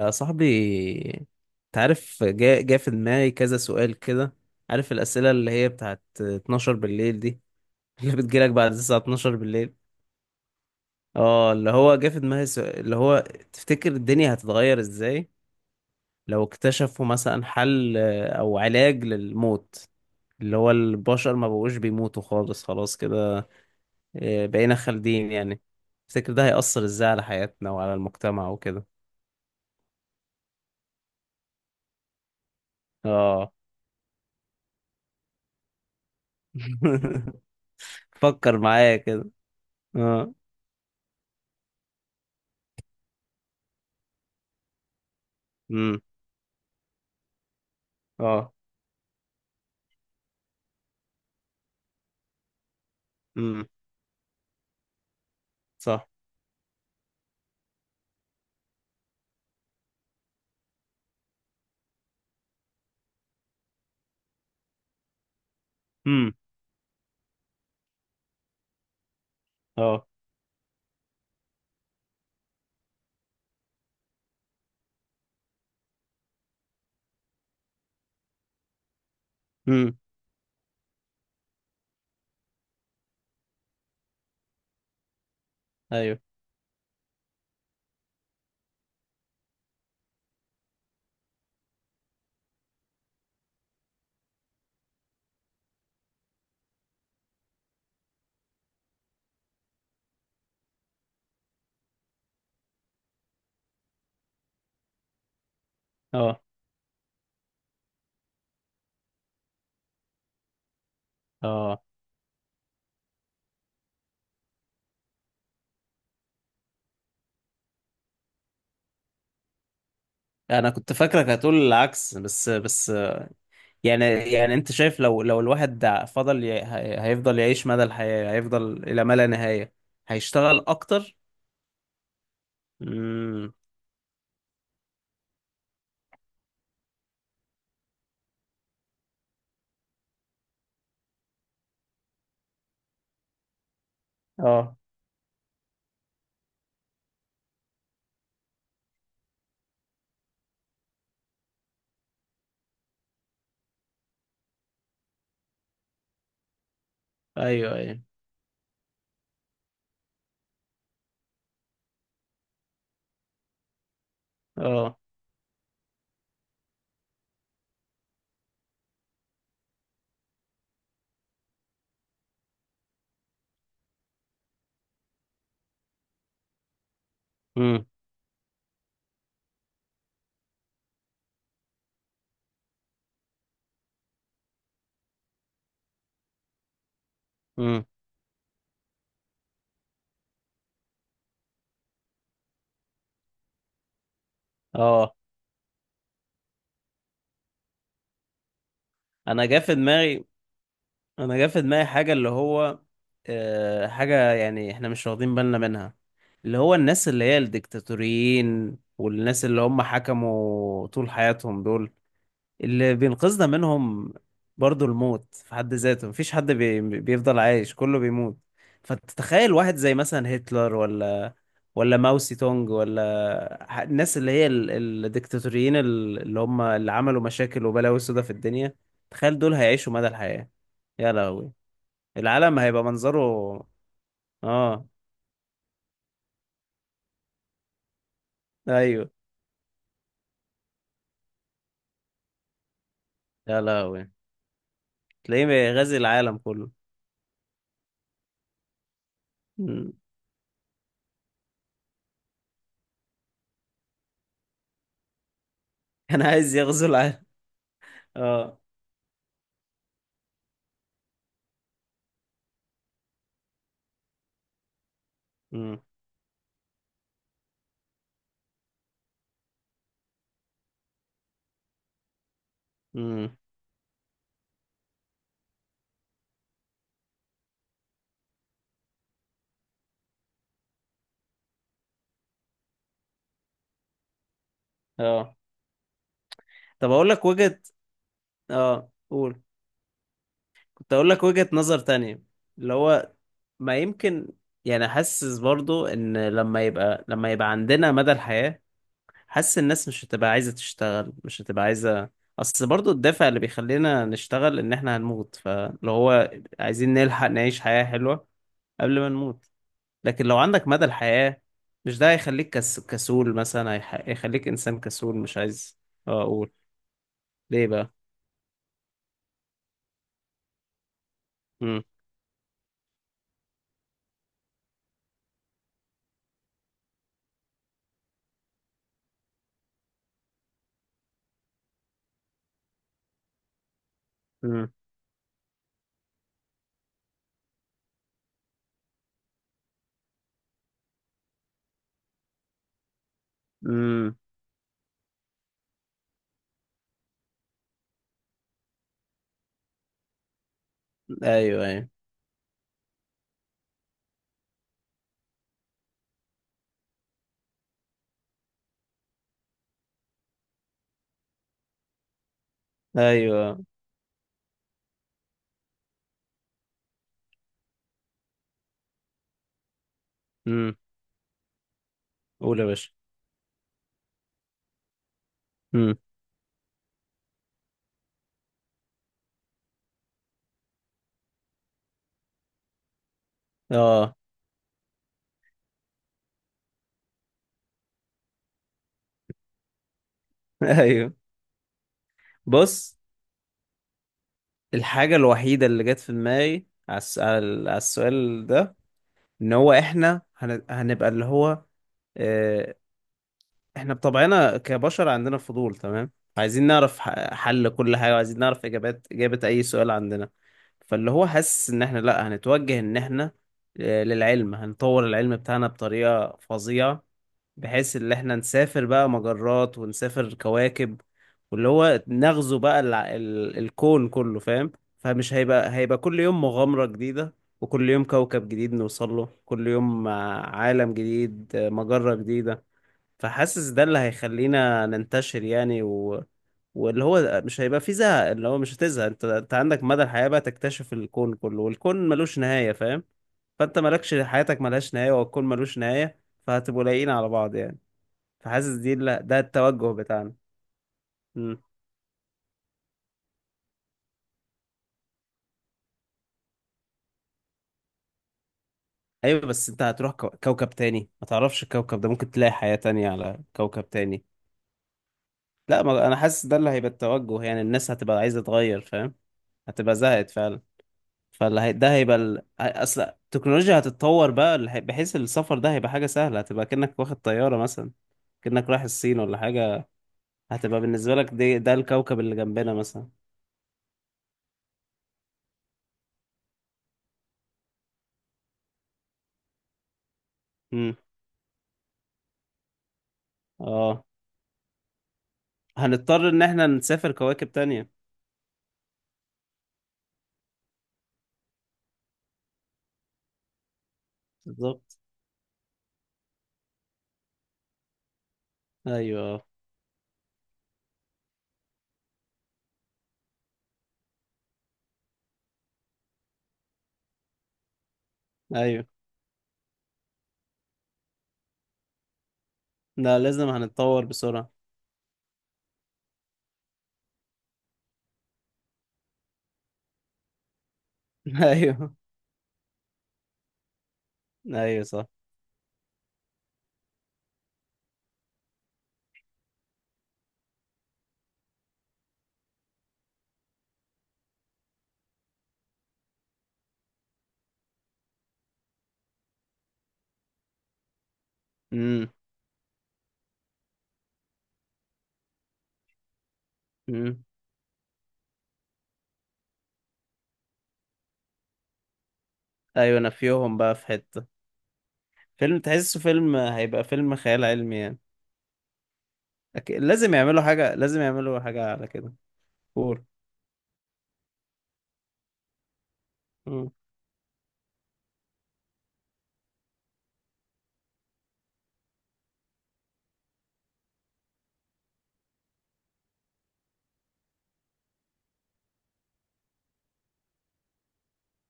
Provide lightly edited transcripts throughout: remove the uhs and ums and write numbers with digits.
يا صاحبي، تعرف جاء في دماغي كذا سؤال كده. عارف الأسئلة اللي هي بتاعت 12 بالليل دي؟ اللي بتجيلك بعد الساعة 12 بالليل. اه، اللي هو جاء في دماغي سؤال اللي هو تفتكر الدنيا هتتغير ازاي لو اكتشفوا مثلا حل، أو علاج للموت، اللي هو البشر ما بقوش بيموتوا خالص، خلاص كده، بقينا خالدين يعني. تفتكر ده هيأثر ازاي على حياتنا وعلى المجتمع وكده؟ اه. فكر معايا كده. آه. امم. اه. امم. صح. امم. اه. امم. ايوه. اه. اه. انا كنت فاكرك هتقول العكس بس. يعني انت شايف لو الواحد فضل هيفضل يعيش مدى الحياة، هيفضل الى ما لا نهاية، هيشتغل اكتر. امم. اه. ايوه ايوه. اه. امم. امم. اه. انا جه في دماغي، انا جا في دماغي حاجه اللي هو، حاجه يعني احنا مش واخدين بالنا منها، اللي هو الناس اللي هي الديكتاتوريين والناس اللي هم حكموا طول حياتهم دول، اللي بينقذنا منهم برضو الموت في حد ذاته. مفيش حد بيفضل عايش، كله بيموت. فتتخيل واحد زي مثلا هتلر، ولا ماو سي تونج، ولا الناس اللي هي الديكتاتوريين، اللي هم اللي عملوا مشاكل وبلاوي سودا في الدنيا، تخيل دول هيعيشوا مدى الحياة. يا لهوي، العالم هيبقى منظره. اه. ايوه. يا لهوي. تلاقيه غازي العالم كله. مم. كان عايز يغزو العالم. اه. مم. مم. اه. طب اقول لك وجهة. اه قول. كنت اقول لك وجهة نظر تانية، اللي هو ما يمكن يعني حاسس برضو ان لما يبقى عندنا مدى الحياة، حاسس الناس مش هتبقى عايزة تشتغل، مش هتبقى عايزة. اصل برضو الدافع اللي بيخلينا نشتغل ان احنا هنموت، فلو هو عايزين نلحق نعيش حياة حلوة قبل ما نموت، لكن لو عندك مدى الحياة، مش ده هيخليك كسول مثلا، هيخليك انسان كسول مش عايز. اقول ليه بقى. امم. امم. امم. ايوه ايوه ايوه. امم. قول يا باشا. امم. اه. ايوه. بص، الحاجة الوحيدة اللي جت في دماغي على على على السؤال ده ان هو احنا هنبقى اللي هو، آه، احنا بطبعنا كبشر عندنا فضول، تمام. عايزين نعرف حل كل حاجة، وعايزين نعرف اجابات، اجابة اي سؤال عندنا. فاللي هو حاسس ان احنا لا هنتوجه ان احنا للعلم، هنطور العلم بتاعنا بطريقة فظيعة بحيث ان احنا نسافر بقى مجرات ونسافر كواكب، واللي هو نغزو بقى الكون كله، فاهم. فمش هيبقى كل يوم مغامرة جديدة، وكل يوم كوكب جديد نوصل له، كل يوم عالم جديد، مجرة جديدة. فحاسس ده اللي هيخلينا ننتشر يعني، و... واللي هو مش هيبقى فيه زهق، اللي هو مش هتزهق، انت عندك مدى الحياة بقى تكتشف الكون كله، والكون ملوش نهاية، فاهم. فانت مالكش، حياتك ملهاش نهاية والكون ملوش نهاية، فهتبقوا لايقين على بعض يعني. فحاسس دي، لا، ده التوجه بتاعنا. مم. ايوه، بس انت هتروح كوكب تاني، ما تعرفش الكوكب ده، ممكن تلاقي حياة تانية على كوكب تاني. لا، ما، انا حاسس ده اللي هيبقى التوجه يعني، الناس هتبقى عايزة تغير فاهم، هتبقى زهقت فعلا. فاللي هي، ده هيبقى ال، اصل التكنولوجيا هتتطور بقى اللي بحيث السفر ده هيبقى حاجة سهلة، هتبقى كأنك واخد طيارة مثلا، كأنك رايح الصين ولا حاجة، هتبقى بالنسبة لك دي، ده الكوكب اللي جنبنا مثلا. مم. اه، هنضطر ان احنا نسافر كواكب تانية. بالظبط. ايوه ايوه. لا لازم هنتطور بسرعة. ايوه. ايوه صح. امم. امم. ايوه، نفيهم بقى في حتة. فيلم، تحسه فيلم، هيبقى فيلم خيال علمي يعني. لازم يعملوا حاجة، لازم يعملوا حاجة على كده فور. امم.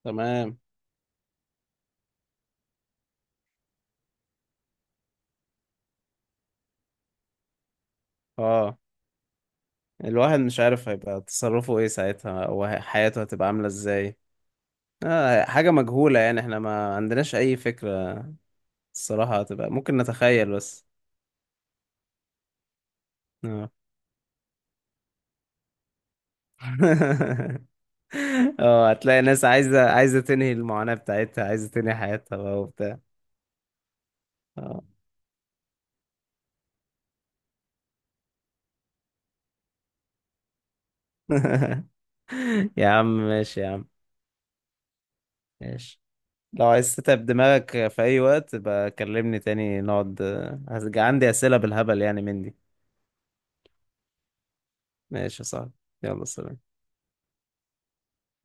تمام. اه. الواحد مش عارف هيبقى تصرفه ايه ساعتها، او حياته هتبقى عاملة ازاي. حاجة مجهولة يعني، احنا ما عندناش اي فكرة، الصراحة هتبقى ممكن نتخيل بس. آه. اه، هتلاقي ناس عايزة تنهي المعاناة بتاعتها، عايزة تنهي حياتها بقى وبتاع. اه. يا عم ماشي يا عم. ماشي. لو عايز تتعب دماغك في أي وقت بقى، كلمني تاني نقعد. هرجع، عندي أسئلة بالهبل يعني من دي. ماشي يا صاحبي. يلا سلام.